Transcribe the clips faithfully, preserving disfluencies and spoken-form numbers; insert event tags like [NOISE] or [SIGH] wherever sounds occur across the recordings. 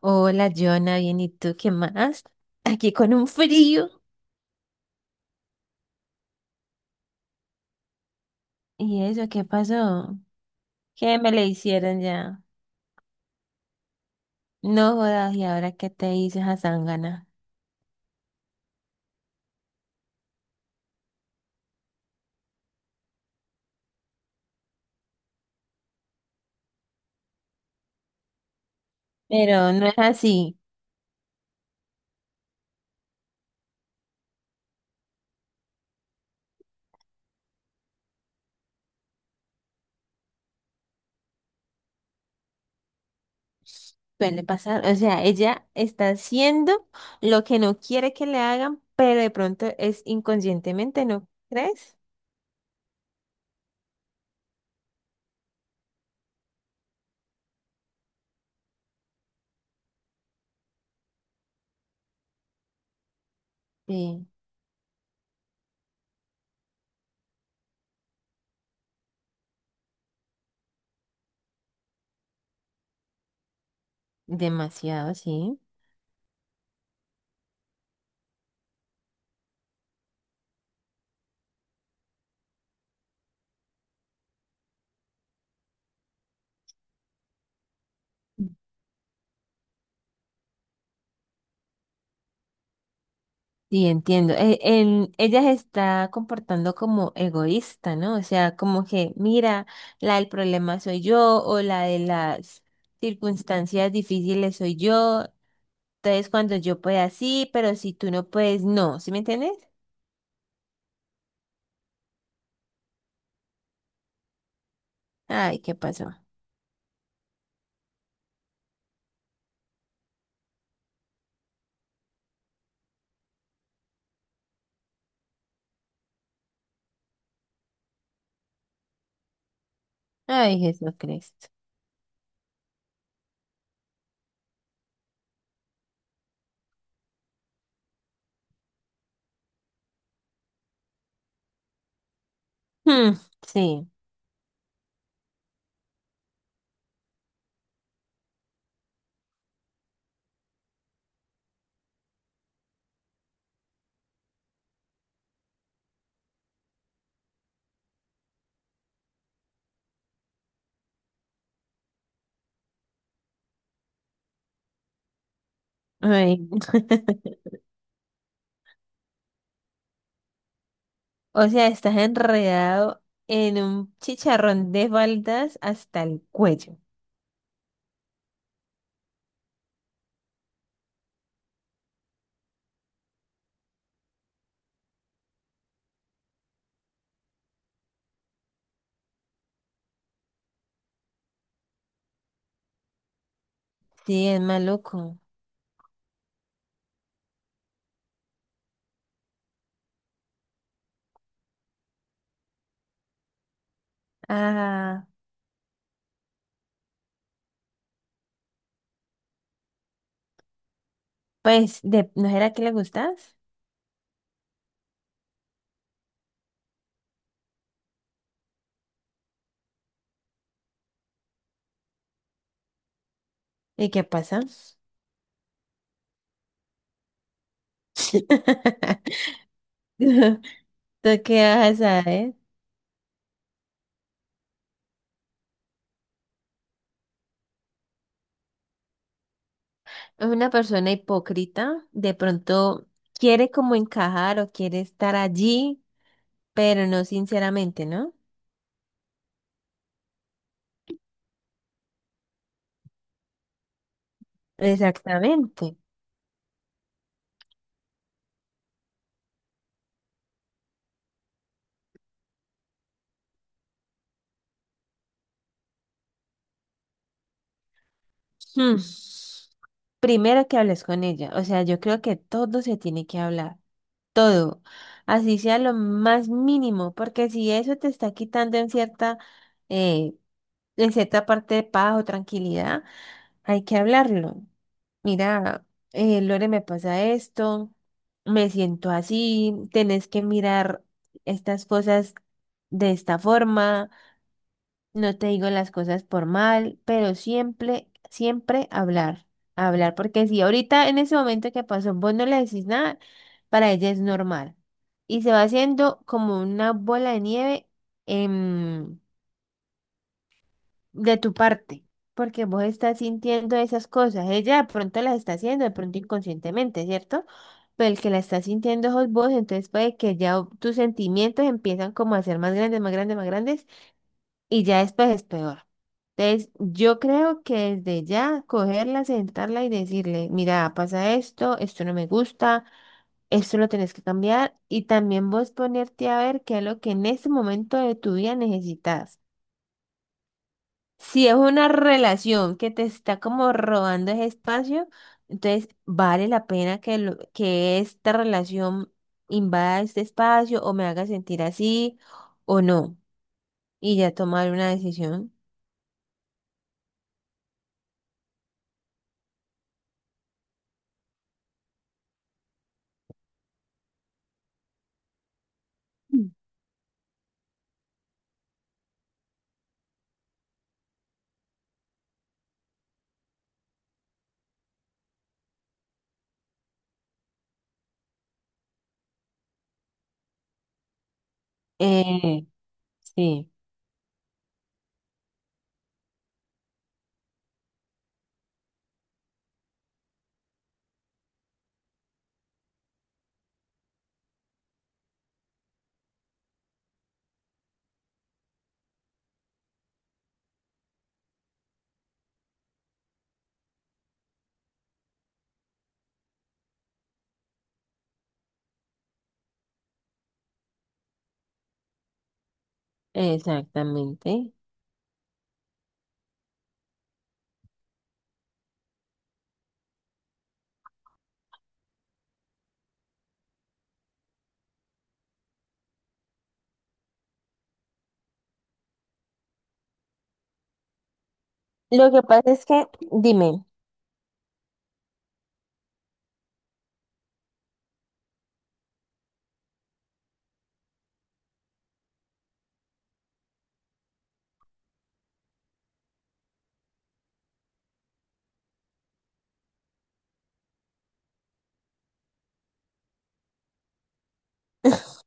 Hola, Jonah, bien, ¿y tú qué más? Aquí con un frío. ¿Y eso qué pasó? ¿Qué me le hicieron ya? No jodas, ¿y ahora qué te hizo esa zángana? Pero no es así, suele pasar. O sea, ella está haciendo lo que no quiere que le hagan, pero de pronto es inconscientemente, ¿no crees? Sí, demasiado, sí. Sí, entiendo. E- en- ella se está comportando como egoísta, ¿no? O sea, como que, mira, la del problema soy yo o la de las circunstancias difíciles soy yo. Entonces, cuando yo pueda, sí, pero si tú no puedes, no. ¿Sí me entiendes? Ay, ¿qué pasó? Ay, Jesucristo. Hmm, sí. Ay. O sea, estás enredado en un chicharrón de faldas hasta el cuello. Sí, es maluco. Ah. Pues, de, ¿no era que le gustas? ¿Y qué pasa? [LAUGHS] ¿Tú qué vas a saber? Es una persona hipócrita, de pronto quiere como encajar o quiere estar allí, pero no sinceramente, ¿no? Exactamente. Hmm. Primero que hables con ella, o sea, yo creo que todo se tiene que hablar, todo, así sea lo más mínimo, porque si eso te está quitando en cierta, eh, en cierta parte de paz o tranquilidad, hay que hablarlo. Mira, eh, Lore, me pasa esto, me siento así, tenés que mirar estas cosas de esta forma, no te digo las cosas por mal, pero siempre, siempre hablar, hablar, porque si ahorita en ese momento que pasó vos no le decís nada, para ella es normal. Y se va haciendo como una bola de nieve de tu parte, porque vos estás sintiendo esas cosas. Ella de pronto las está haciendo, de pronto inconscientemente, ¿cierto? Pero el que la está sintiendo sos vos, entonces puede que ya o- tus sentimientos empiezan como a ser más grandes, más grandes, más grandes, y ya después es peor. Entonces, yo creo que desde ya cogerla, sentarla y decirle, mira, pasa esto, esto no me gusta, esto lo tenés que cambiar, y también vos ponerte a ver qué es lo que en este momento de tu vida necesitas. Si es una relación que te está como robando ese espacio, entonces vale la pena que, lo- que esta relación invada este espacio o me haga sentir así o no. Y ya tomar una decisión. Mm. Eh, sí, exactamente. Lo que pasa es que, dime.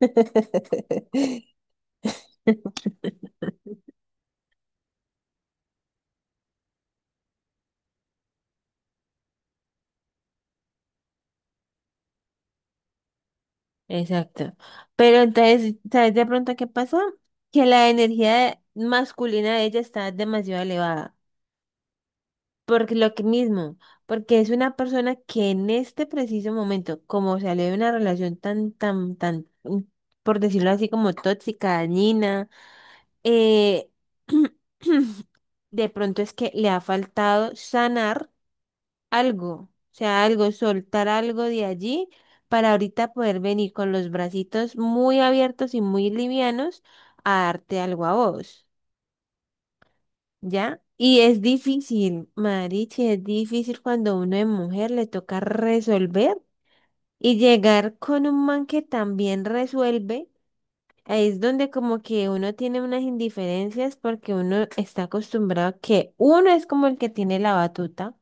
[LAUGHS] Exacto. Pero entonces, ¿sabes de pronto qué pasó? Que la energía masculina de ella está demasiado elevada. Por lo que mismo, porque es una persona que en este preciso momento, como salió de una relación tan, tan, tan, mm, por decirlo así, como tóxica, dañina, eh, [CLEARS THROAT] de pronto es que le ha faltado sanar algo, o sea, algo, soltar algo de allí para ahorita poder venir con los bracitos muy abiertos y muy livianos a darte algo a vos. ¿Ya? Y es difícil, Marichi, es difícil cuando uno es mujer le toca resolver y llegar con un man que también resuelve. Ahí es donde como que uno tiene unas indiferencias porque uno está acostumbrado a que uno es como el que tiene la batuta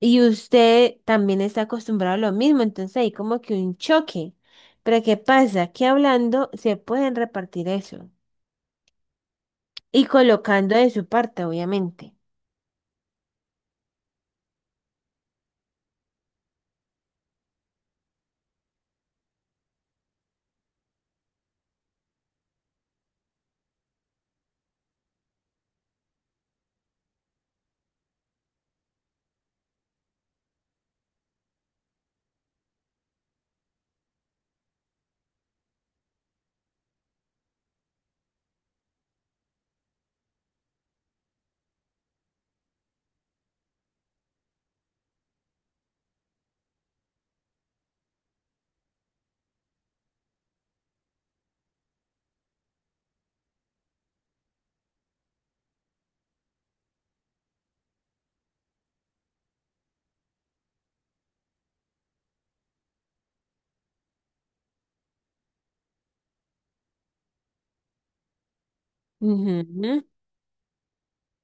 y usted también está acostumbrado a lo mismo, entonces hay como que un choque. Pero ¿qué pasa? Que hablando se pueden repartir eso y colocando de su parte, obviamente. Ujú.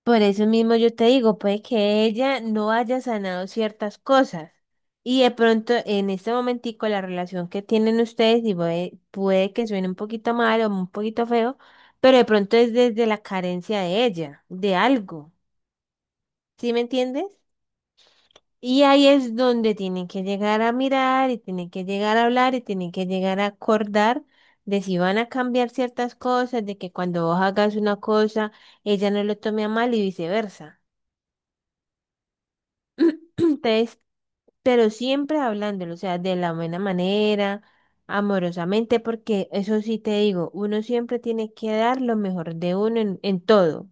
Por eso mismo yo te digo, puede que ella no haya sanado ciertas cosas y de pronto en este momentico la relación que tienen ustedes y puede, puede que suene un poquito mal o un poquito feo, pero de pronto es desde la carencia de ella, de algo, ¿sí me entiendes? Y ahí es donde tienen que llegar a mirar y tienen que llegar a hablar y tienen que llegar a acordar de si van a cambiar ciertas cosas, de que cuando vos hagas una cosa, ella no lo tome a mal y viceversa. Entonces, pero siempre hablándolo, o sea, de la buena manera, amorosamente, porque eso sí te digo, uno siempre tiene que dar lo mejor de uno en, en todo.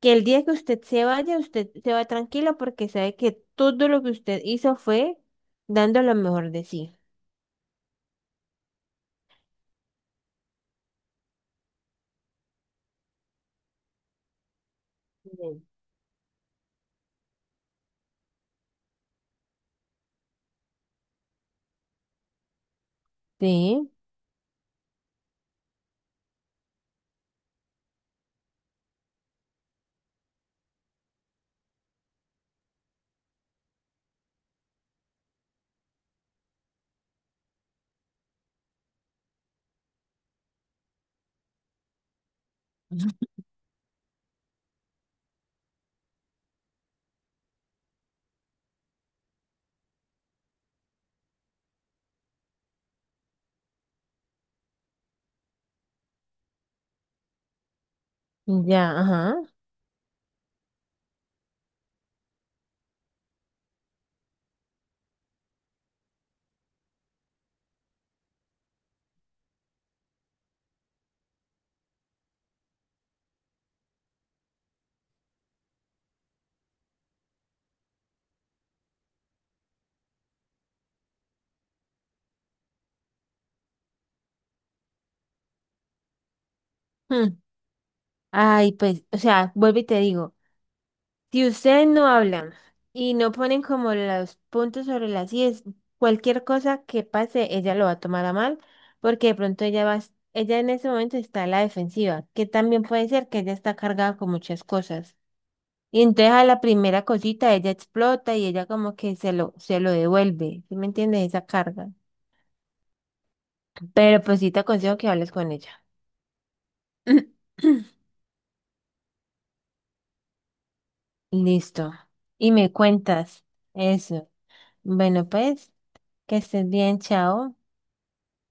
Que el día que usted se vaya, usted se va tranquilo porque sabe que todo lo que usted hizo fue dando lo mejor de sí. Bien. Sí, ya, ajá. Mm. Ay, pues, o sea, vuelvo y te digo. Si ustedes no hablan y no ponen como los puntos sobre las íes, cualquier cosa que pase, ella lo va a tomar a mal, porque de pronto ella va, a es- ella en ese momento está a la defensiva, que también puede ser que ella está cargada con muchas cosas. Y entonces a la primera cosita ella explota y ella como que se lo, se lo devuelve, ¿sí me entiendes? Esa carga. Pero pues sí te aconsejo que hables con ella. [CLEARS THROAT] Listo. Y me cuentas eso. Bueno, pues, que estés bien, chao.